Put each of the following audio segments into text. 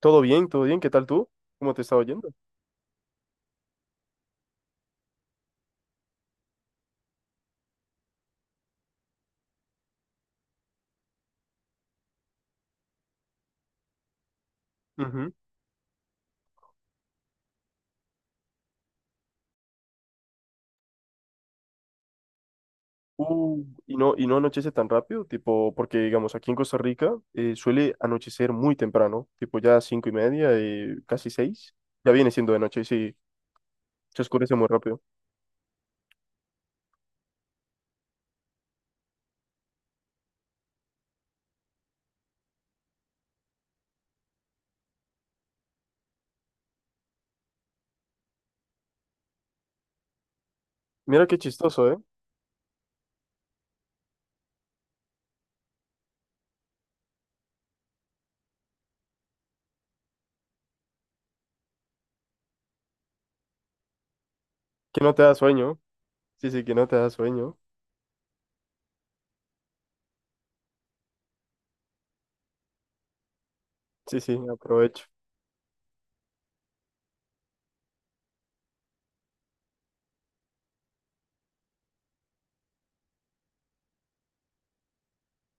Todo bien, todo bien. ¿Qué tal tú? ¿Cómo te estaba yendo? Ujú. Y no, y no anochece tan rápido, tipo, porque digamos, aquí en Costa Rica suele anochecer muy temprano, tipo ya 5:30, casi 6. Ya viene siendo de noche, sí, se oscurece muy rápido. Mira qué chistoso, ¿eh? Que no te da sueño. Sí, sí, que no te da sueño. Sí, sí, aprovecho.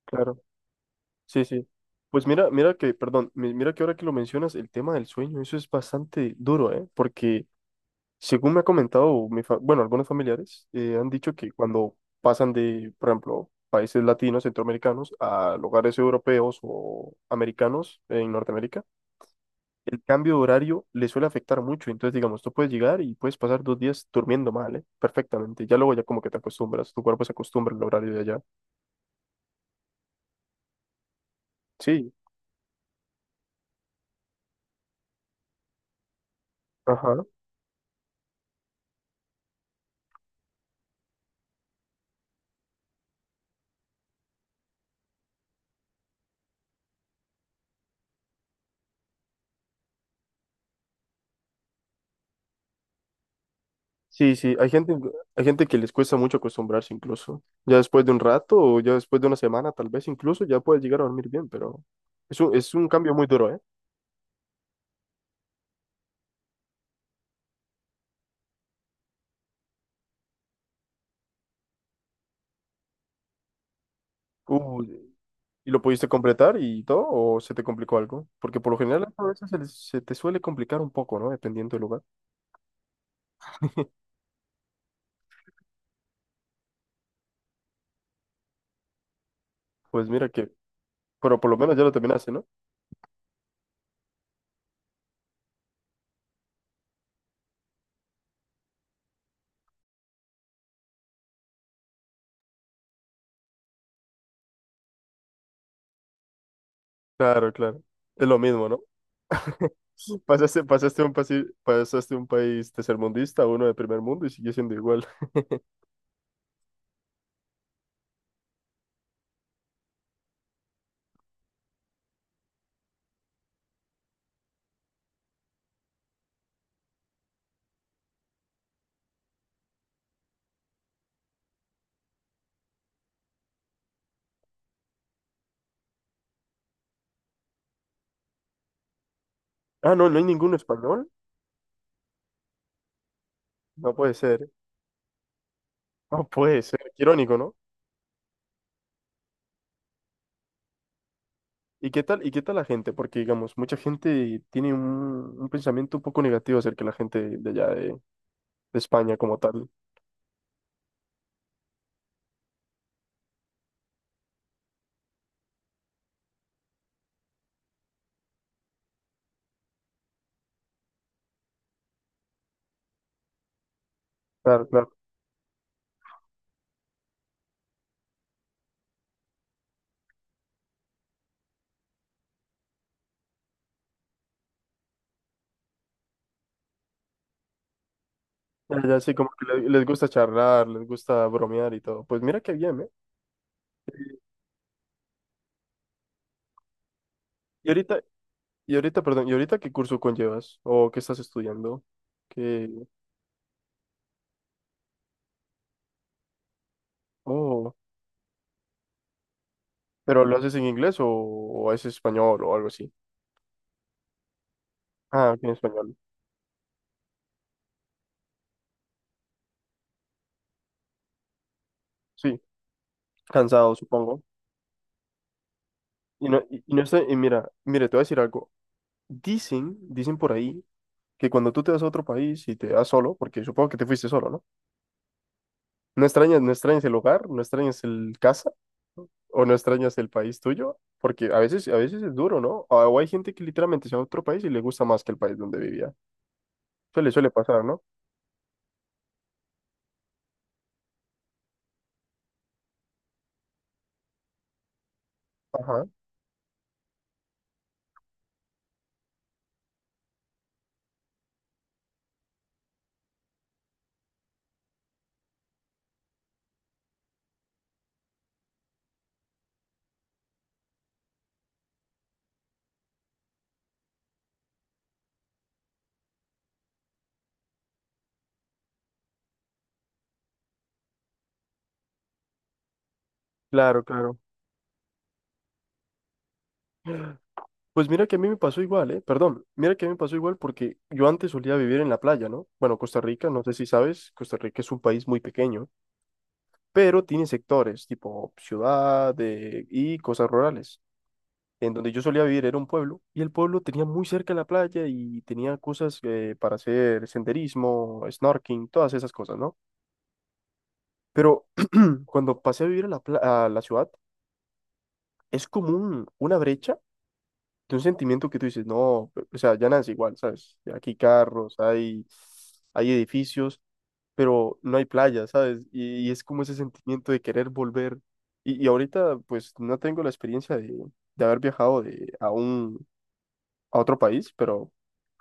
Claro. Sí, sí. Pues mira, mira que, perdón, mira que ahora que lo mencionas, el tema del sueño, eso es bastante duro, ¿eh? Porque según me ha comentado, bueno, algunos familiares han dicho que cuando pasan de, por ejemplo, países latinos, centroamericanos, a lugares europeos o americanos en Norteamérica, el cambio de horario les suele afectar mucho. Entonces, digamos, tú puedes llegar y puedes pasar 2 días durmiendo mal, ¿eh? Perfectamente. Ya luego ya como que te acostumbras, tu cuerpo se acostumbra al horario de allá. Sí, ajá. Sí, sí, hay gente que les cuesta mucho acostumbrarse incluso. Ya después de un rato o ya después de 1 semana, tal vez incluso ya puedes llegar a dormir bien, pero es un cambio muy duro, ¿eh? Uh, ¿Y lo pudiste completar y todo o se te complicó algo? Porque por lo general a veces se te suele complicar un poco, ¿no? Dependiendo del lugar. Pues mira que, pero por lo menos ya lo terminaste, ¿no? Claro, claro. Es lo mismo, ¿no? Pasaste un país tercermundista a uno de primer mundo y sigue siendo igual. Ah, no, no hay ningún español. No puede ser. No puede ser, qué irónico, ¿no? Y qué tal la gente? Porque, digamos, mucha gente tiene un pensamiento un poco negativo acerca de la gente de allá de España como tal. Claro, claro. Allá sí, como que les gusta charlar, les gusta bromear y todo. Pues mira qué bien, ¿eh? Y ahorita, y ahorita, perdón, ¿y ahorita qué curso conllevas? ¿O qué estás estudiando? ¿Qué? Oh, ¿pero lo haces en inglés o es español o algo así? Ah, ok, en español. Sí, cansado, supongo. Y no, y no está, y mira, mire, te voy a decir algo. Dicen, dicen por ahí que cuando tú te vas a otro país y te vas solo, porque supongo que te fuiste solo, ¿no? No extrañas, no extrañas el hogar, no extrañas el casa o no extrañas el país tuyo, porque a veces es duro, ¿no? O hay gente que literalmente se va a otro país y le gusta más que el país donde vivía. Suele, suele pasar, ¿no? Ajá. Claro, claro. Pues mira que a mí me pasó igual, ¿eh? Perdón, mira que a mí me pasó igual porque yo antes solía vivir en la playa, ¿no? Bueno, Costa Rica, no sé si sabes, Costa Rica es un país muy pequeño, pero tiene sectores tipo ciudad y cosas rurales. En donde yo solía vivir era un pueblo y el pueblo tenía muy cerca la playa y tenía cosas para hacer senderismo, snorkeling, todas esas cosas, ¿no? Pero cuando pasé a vivir a la, a la ciudad, es como una brecha de un sentimiento que tú dices, no, pe- o sea, ya nada es igual, ¿sabes? Aquí hay carros, hay edificios, pero no hay playa, ¿sabes? Y es como ese sentimiento de querer volver. Y ahorita, pues, no tengo la experiencia de haber viajado de, aún a otro país, pero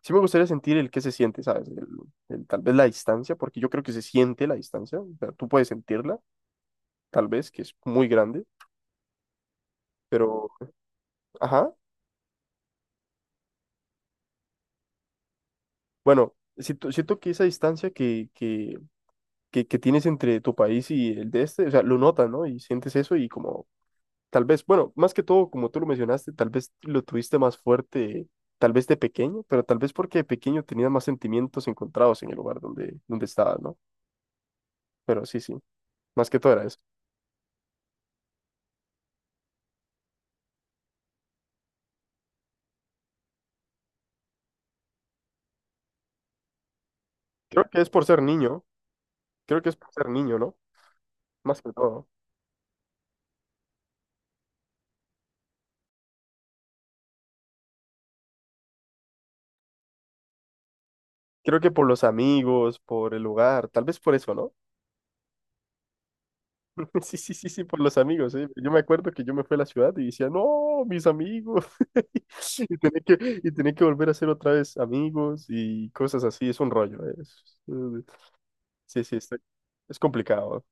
sí me gustaría sentir el que se siente, ¿sabes? El, tal vez la distancia, porque yo creo que se siente la distancia, o sea, tú puedes sentirla, tal vez, que es muy grande, pero, ajá, bueno, siento, siento que esa distancia que tienes entre tu país y el de este, o sea, lo notas, ¿no? Y sientes eso y como, tal vez, bueno, más que todo, como tú lo mencionaste, tal vez lo tuviste más fuerte. Tal vez de pequeño, pero tal vez porque de pequeño tenías más sentimientos encontrados en el lugar donde, donde estabas, ¿no? Pero sí, sí, más que todo era eso. Creo que es por ser niño, creo que es por ser niño, ¿no? Más que todo. Creo que por los amigos, por el lugar, tal vez por eso, ¿no? Sí, sí, sí, sí, por los amigos, ¿eh? Yo me acuerdo que yo me fui a la ciudad y decía, no, mis amigos. Y tenía que volver a ser otra vez amigos y cosas así, es un rollo, ¿eh? Sí, sí, está- es complicado.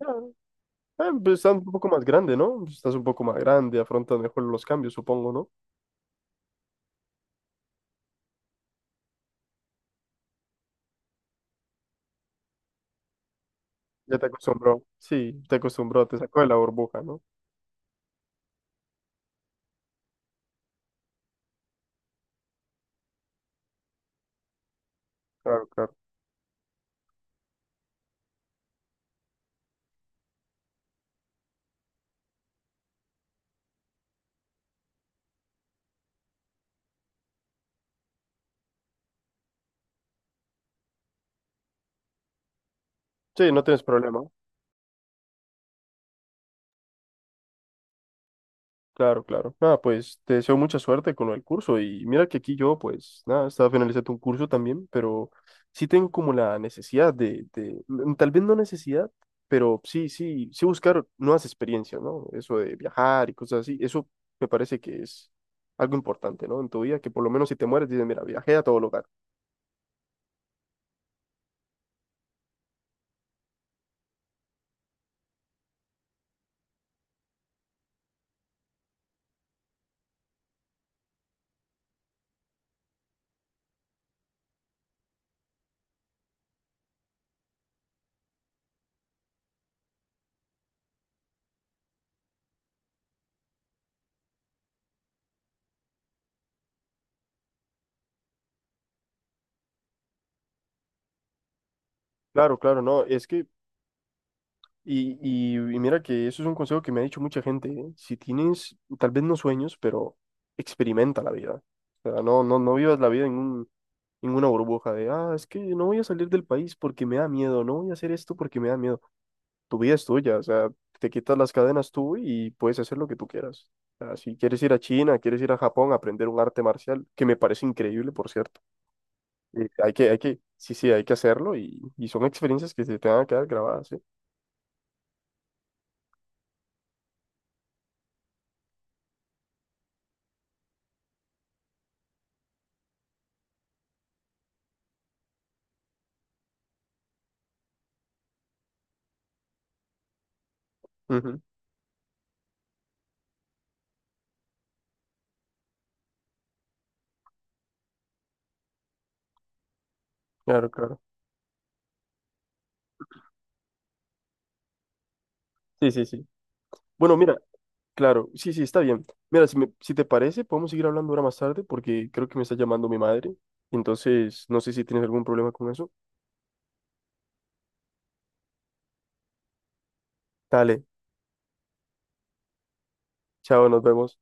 Ah, ah, pues estás un poco más grande, ¿no? Estás un poco más grande, afrontas mejor los cambios, supongo, ¿no? Ya te acostumbró, sí, te acostumbró, te sacó de la burbuja, ¿no? Claro, claro. Sí, no tienes problema. Claro, claro. Nada, pues te deseo mucha suerte con el curso. Y mira que aquí yo, pues, nada, estaba finalizando un curso también, pero sí tengo como la necesidad de, tal vez no necesidad, pero sí, sí, sí buscar nuevas experiencias, ¿no? Eso de viajar y cosas así, eso me parece que es algo importante, ¿no? En tu vida, que por lo menos si te mueres, dices, mira, viajé a todo lugar. Claro, claro, no, es que y, y mira que eso es un consejo que me ha dicho mucha gente, ¿eh? Si tienes, tal vez no sueños, pero experimenta la vida. O sea, no, no, no vivas la vida en un, en una burbuja de, ah, es que no voy a salir del país porque me da miedo, no voy a hacer esto porque me da miedo. Tu vida es tuya, o sea, te quitas las cadenas tú y puedes hacer lo que tú quieras. O sea, si quieres ir a China, quieres ir a Japón a aprender un arte marcial, que me parece increíble, por cierto. Hay que, sí, sí, hay que hacerlo y son experiencias que se te van a quedar grabadas, ¿sí? Ujú, claro, claro. Sí, sí, sí. Bueno, mira, claro, sí, sí, está bien. Mira, si, si te parece, podemos seguir hablando ahora más tarde porque creo que me está llamando mi madre. Entonces, no sé si tienes algún problema con eso. Dale, chao, nos vemos.